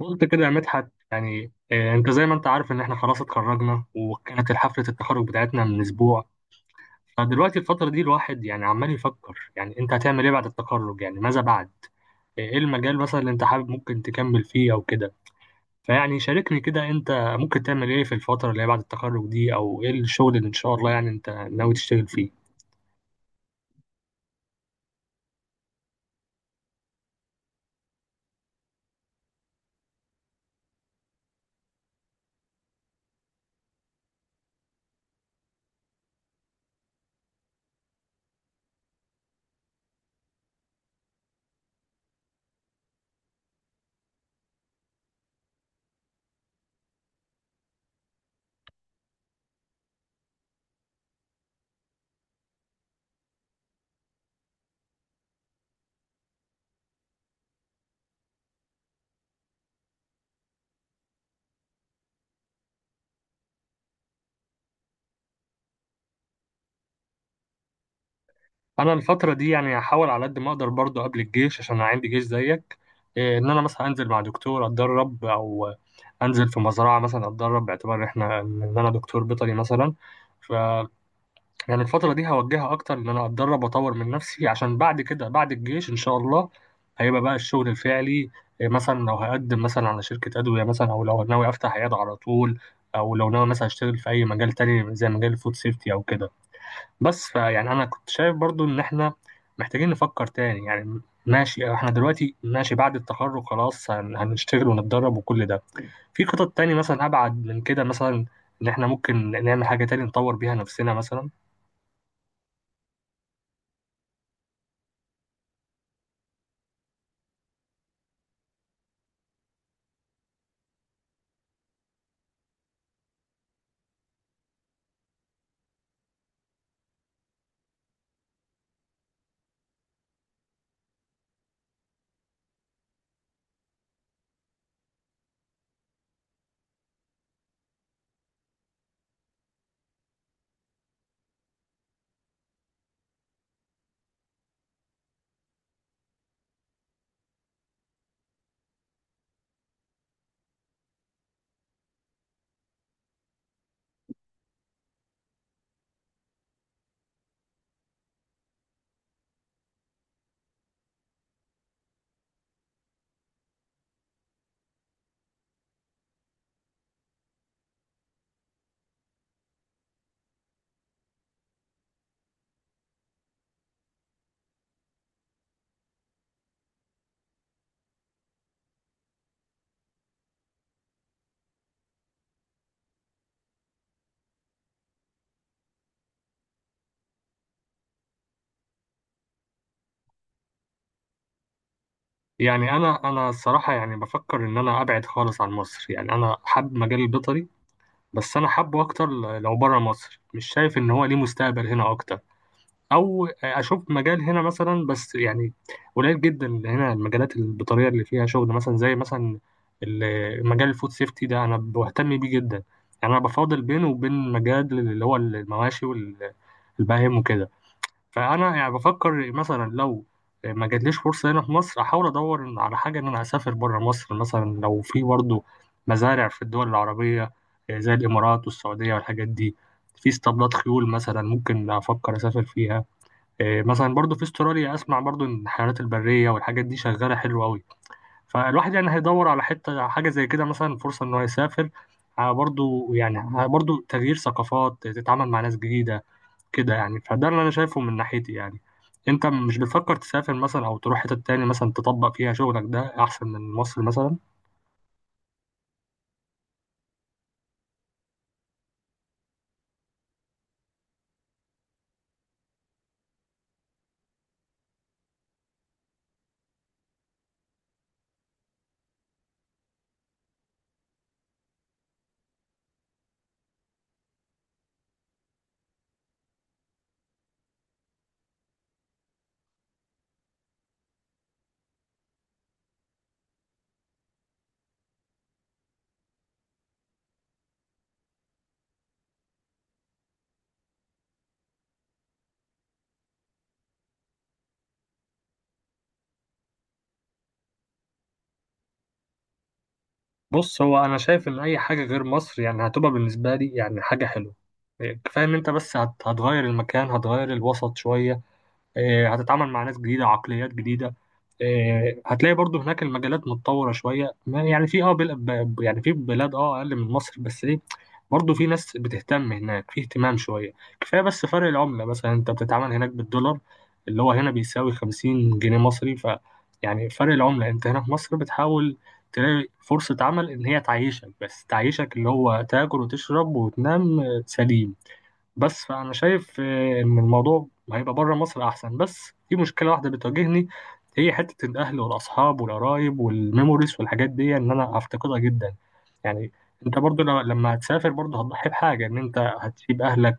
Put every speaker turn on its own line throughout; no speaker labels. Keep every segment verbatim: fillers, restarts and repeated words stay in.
قلت كده يا مدحت، يعني آه، انت زي ما انت عارف ان احنا خلاص اتخرجنا، وكانت حفلة التخرج بتاعتنا من اسبوع. فدلوقتي الفترة دي الواحد يعني عمال يفكر، يعني انت هتعمل ايه بعد التخرج؟ يعني ماذا بعد؟ آه، ايه المجال مثلا اللي انت حابب ممكن تكمل فيه او كده؟ فيعني شاركني كده، انت ممكن تعمل ايه في الفترة اللي هي بعد التخرج دي، او ايه الشغل اللي ان شاء الله يعني انت ناوي تشتغل فيه؟ انا الفتره دي يعني هحاول على قد ما اقدر برضو قبل الجيش، عشان انا عندي جيش زيك. إيه، ان انا مثلا انزل مع دكتور اتدرب، او انزل في مزرعه مثلا اتدرب، باعتبار احنا ان انا دكتور بيطري مثلا. ف يعني الفتره دي هوجهها اكتر، ان انا اتدرب واطور من نفسي، عشان بعد كده بعد الجيش ان شاء الله هيبقى بقى الشغل الفعلي. إيه، مثلا لو هقدم مثلا على شركه ادويه، مثلا او لو ناوي افتح عياده على طول، او لو ناوي مثلا اشتغل في اي مجال تاني زي مجال الفود سيفتي او كده. بس فيعني انا كنت شايف برضو ان احنا محتاجين نفكر تاني يعني. ماشي، آه، احنا دلوقتي ماشي بعد التخرج خلاص، هن- هنشتغل ونتدرب وكل ده. في خطط تاني مثلا ابعد من كده، مثلا ان احنا ممكن نعمل حاجة تاني نطور بيها نفسنا مثلا. يعني انا انا الصراحة يعني بفكر ان انا ابعد خالص عن مصر، يعني انا حابب مجال البيطري. بس انا حابه اكتر لو بره مصر، مش شايف ان هو ليه مستقبل هنا اكتر. او اشوف مجال هنا مثلا، بس يعني قليل جدا هنا المجالات اللي- بالطريقه اللي فيها شغل، مثلا زي مثلا ال- مجال الفود سيفتي ده انا بهتم بيه جدا. يعني انا بفاضل بينه وبين مجال اللي هو المواشي والبهائم وكده. فانا يعني بفكر مثلا لو ما جاتليش فرصه هنا في مصر، احاول ادور على حاجه ان انا اسافر بره مصر، مثلا لو في برضه مزارع في الدول العربيه زي الامارات والسعوديه والحاجات دي، في اسطبلات خيول مثلا ممكن افكر اسافر فيها. إيه، مثلا برضو في استراليا اسمع برضو ان الحيوانات البريه والحاجات دي شغاله حلو قوي. فالواحد يعني هيدور على حته حاجه زي كده، مثلا فرصه ان هو يسافر، ع- برضو يعني ع- برضو تغيير ثقافات، تتعامل مع ناس جديده كده يعني. فده اللي انا شايفه من ناحيتي يعني. انت مش بتفكر تسافر مثلا، او تروح حته تاني مثلا تطبق فيها شغلك، ده احسن من مصر مثلا؟ بص، هو انا شايف ان اي حاجه غير مصر يعني هتبقى بالنسبه لي يعني حاجه حلوه. إيه، كفايه ان انت بس هت- هتغير المكان، هتغير الوسط شويه. آه، هتتعامل مع ناس جديدة، عقليات جديدة. آه، هتلاقي برضو هناك المجالات متطورة شوية، ما- يعني في اه بل- ب- يعني في بلاد اه أقل من مصر، بس ايه؟ برضو في ناس بتهتم هناك، في اهتمام شوية. كفاية، بس فرق العملة مثلا انت بتتعامل هناك بالدولار، اللي هو هنا بيساوي خمسين جنيه مصري. ف يعني فرق العملة، انت هنا في مصر بتحاول تلاقي فرصة عمل ان هي تعيشك، بس تعيشك اللي هو تاكل وتشرب وتنام، آه، سليم. بس فأنا شايف آه، إن الموضوع هيبقى بره مصر أحسن، بس في مشكلة واحدة بتواجهني. هي حتة الأهل والأصحاب والقرايب والميموريز والحاجات دي، إن أنا هفتقدها جدا يعني. أنت برضو لو- لما هتسافر برضو هتضحي بحاجة، إن أنت هتسيب أهلك،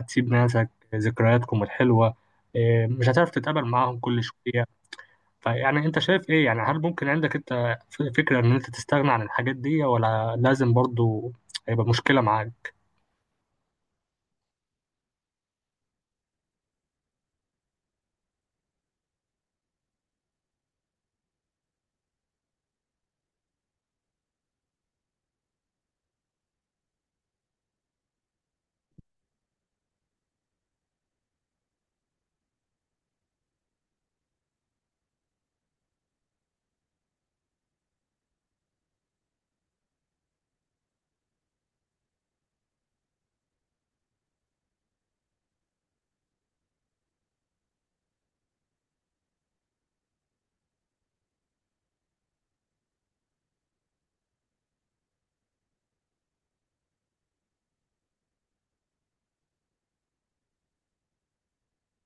هتسيب ناسك، ذكرياتكم الحلوة. آه، مش هتعرف تتقابل معاهم كل شوية. فيعني أنت شايف إيه؟ يعني هل ممكن عندك أنت ف- فكرة إن أنت تستغنى عن الحاجات دي، ولا لازم برضو هيبقى مشكلة معاك؟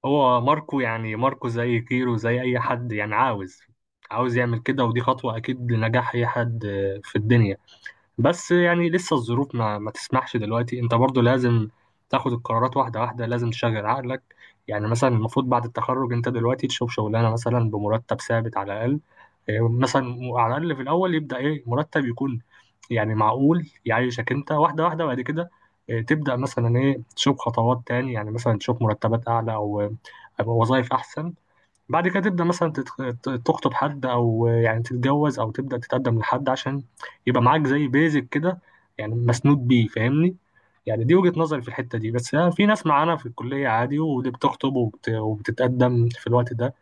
هو ماركو، يعني ماركو زي كيرو، زي اي حد يعني عاوز عاوز يعمل كده، ودي خطوة اكيد لنجاح اي حد آه، في الدنيا. بس يعني لسه الظروف ما, ما تسمحش دلوقتي، انت برضو لازم تاخد القرارات واحدة واحدة، لازم تشغل عقلك. يعني مثلا المفروض بعد التخرج، انت دلوقتي تشوف شغلانة مثلا بمرتب ثابت على الاقل. آه، مثلا على الاقل في الاول يبدأ ايه مرتب يكون، يعني معقول يعيشك انت واحده واحده. بعد كده آه، تبدا مثلا ايه، تشوف خطوات تاني، يعني مثلا تشوف مرتبات اعلى، او آه، وظائف احسن. بعد كده تبدا مثلا تتخ- ت- تخطب حد، او آه، يعني تتجوز، او تبدا تتقدم لحد عشان يبقى معاك زي بيزك كده، يعني مسنود بيه فاهمني. يعني دي وجهة نظري في الحتة دي، بس آه، في ناس معانا في الكلية عادي ودي بتخطب وبت- وبتتقدم في الوقت ده.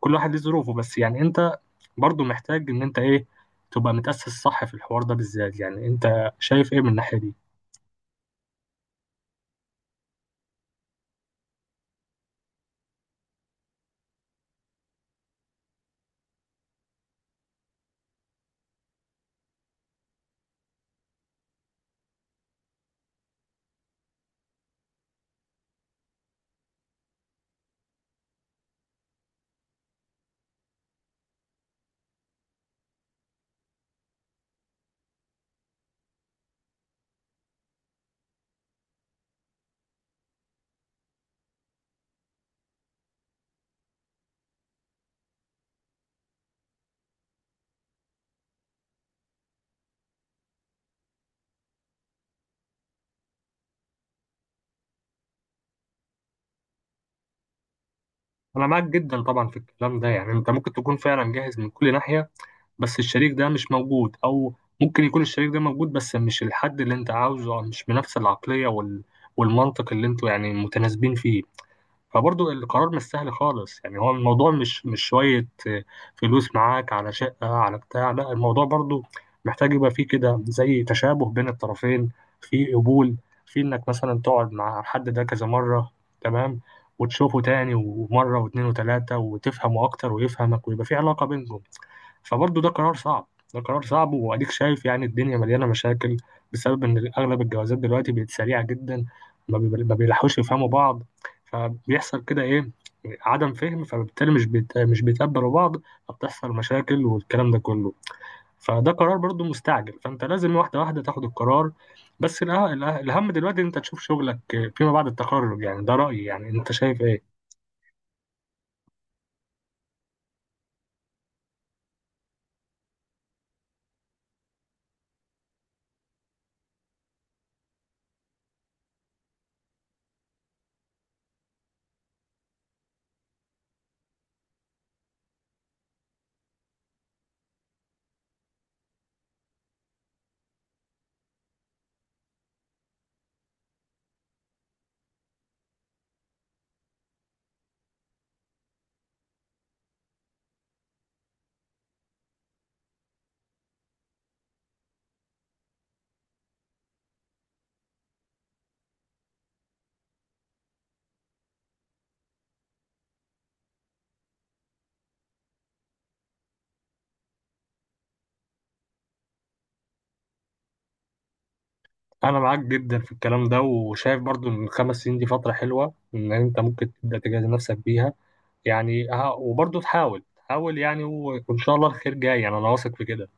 كل واحد ليه ظروفه، بس يعني انت برضو محتاج ان انت ايه، تبقى متأسس صح في الحوار ده بالذات. يعني انت شايف ايه من الناحية دي؟ انا معاك جدا طبعا في الكلام ده، يعني انت ممكن تكون فعلا جاهز من كل ناحية، بس الشريك ده مش موجود، او ممكن يكون الشريك ده موجود بس مش الحد اللي انت عاوزه، أو مش بنفس العقلية وال... والمنطق اللي انتوا يعني متناسبين فيه. فبرضه القرار مش سهل خالص، يعني هو الموضوع مش مش شوية آه، فلوس معاك على شقة على بتاع، لا الموضوع برضه محتاج يبقى فيه كده زي تشابه بين الطرفين. في قبول، في انك مثلا تقعد مع الحد ده كذا مرة، تمام، وتشوفه تاني ومرة واتنين وتلاتة وتفهمه أكتر ويفهمك، ويبقى في علاقة بينكم. فبرضه ده قرار صعب، ده قرار صعب، واديك شايف يعني الدنيا مليانه مشاكل، بسبب ان اغلب الجوازات دلوقتي بقت سريعه جدا. ما بي- ما بيلحقوش يفهموا بعض، فبيحصل كده ايه، عدم فهم، فبالتالي مش بيت... مش بيتقبلوا بعض، فبتحصل مشاكل والكلام ده كله. فده قرار برضه مستعجل، فانت لازم واحده واحده تاخد القرار. بس الأه... الأه... الاهم دلوقتي، إن انت تشوف شغلك فيما بعد التخرج. يعني ده رايي، يعني انت شايف ايه؟ انا معاك جدا في الكلام ده، وشايف برضو ان الخمس سنين دي فتره حلوه ان انت ممكن تبدا تجهز نفسك بيها. يعني ها- وبرضو تحاول تحاول، يعني و- وان شاء الله الخير جاي، يعني انا واثق في كده.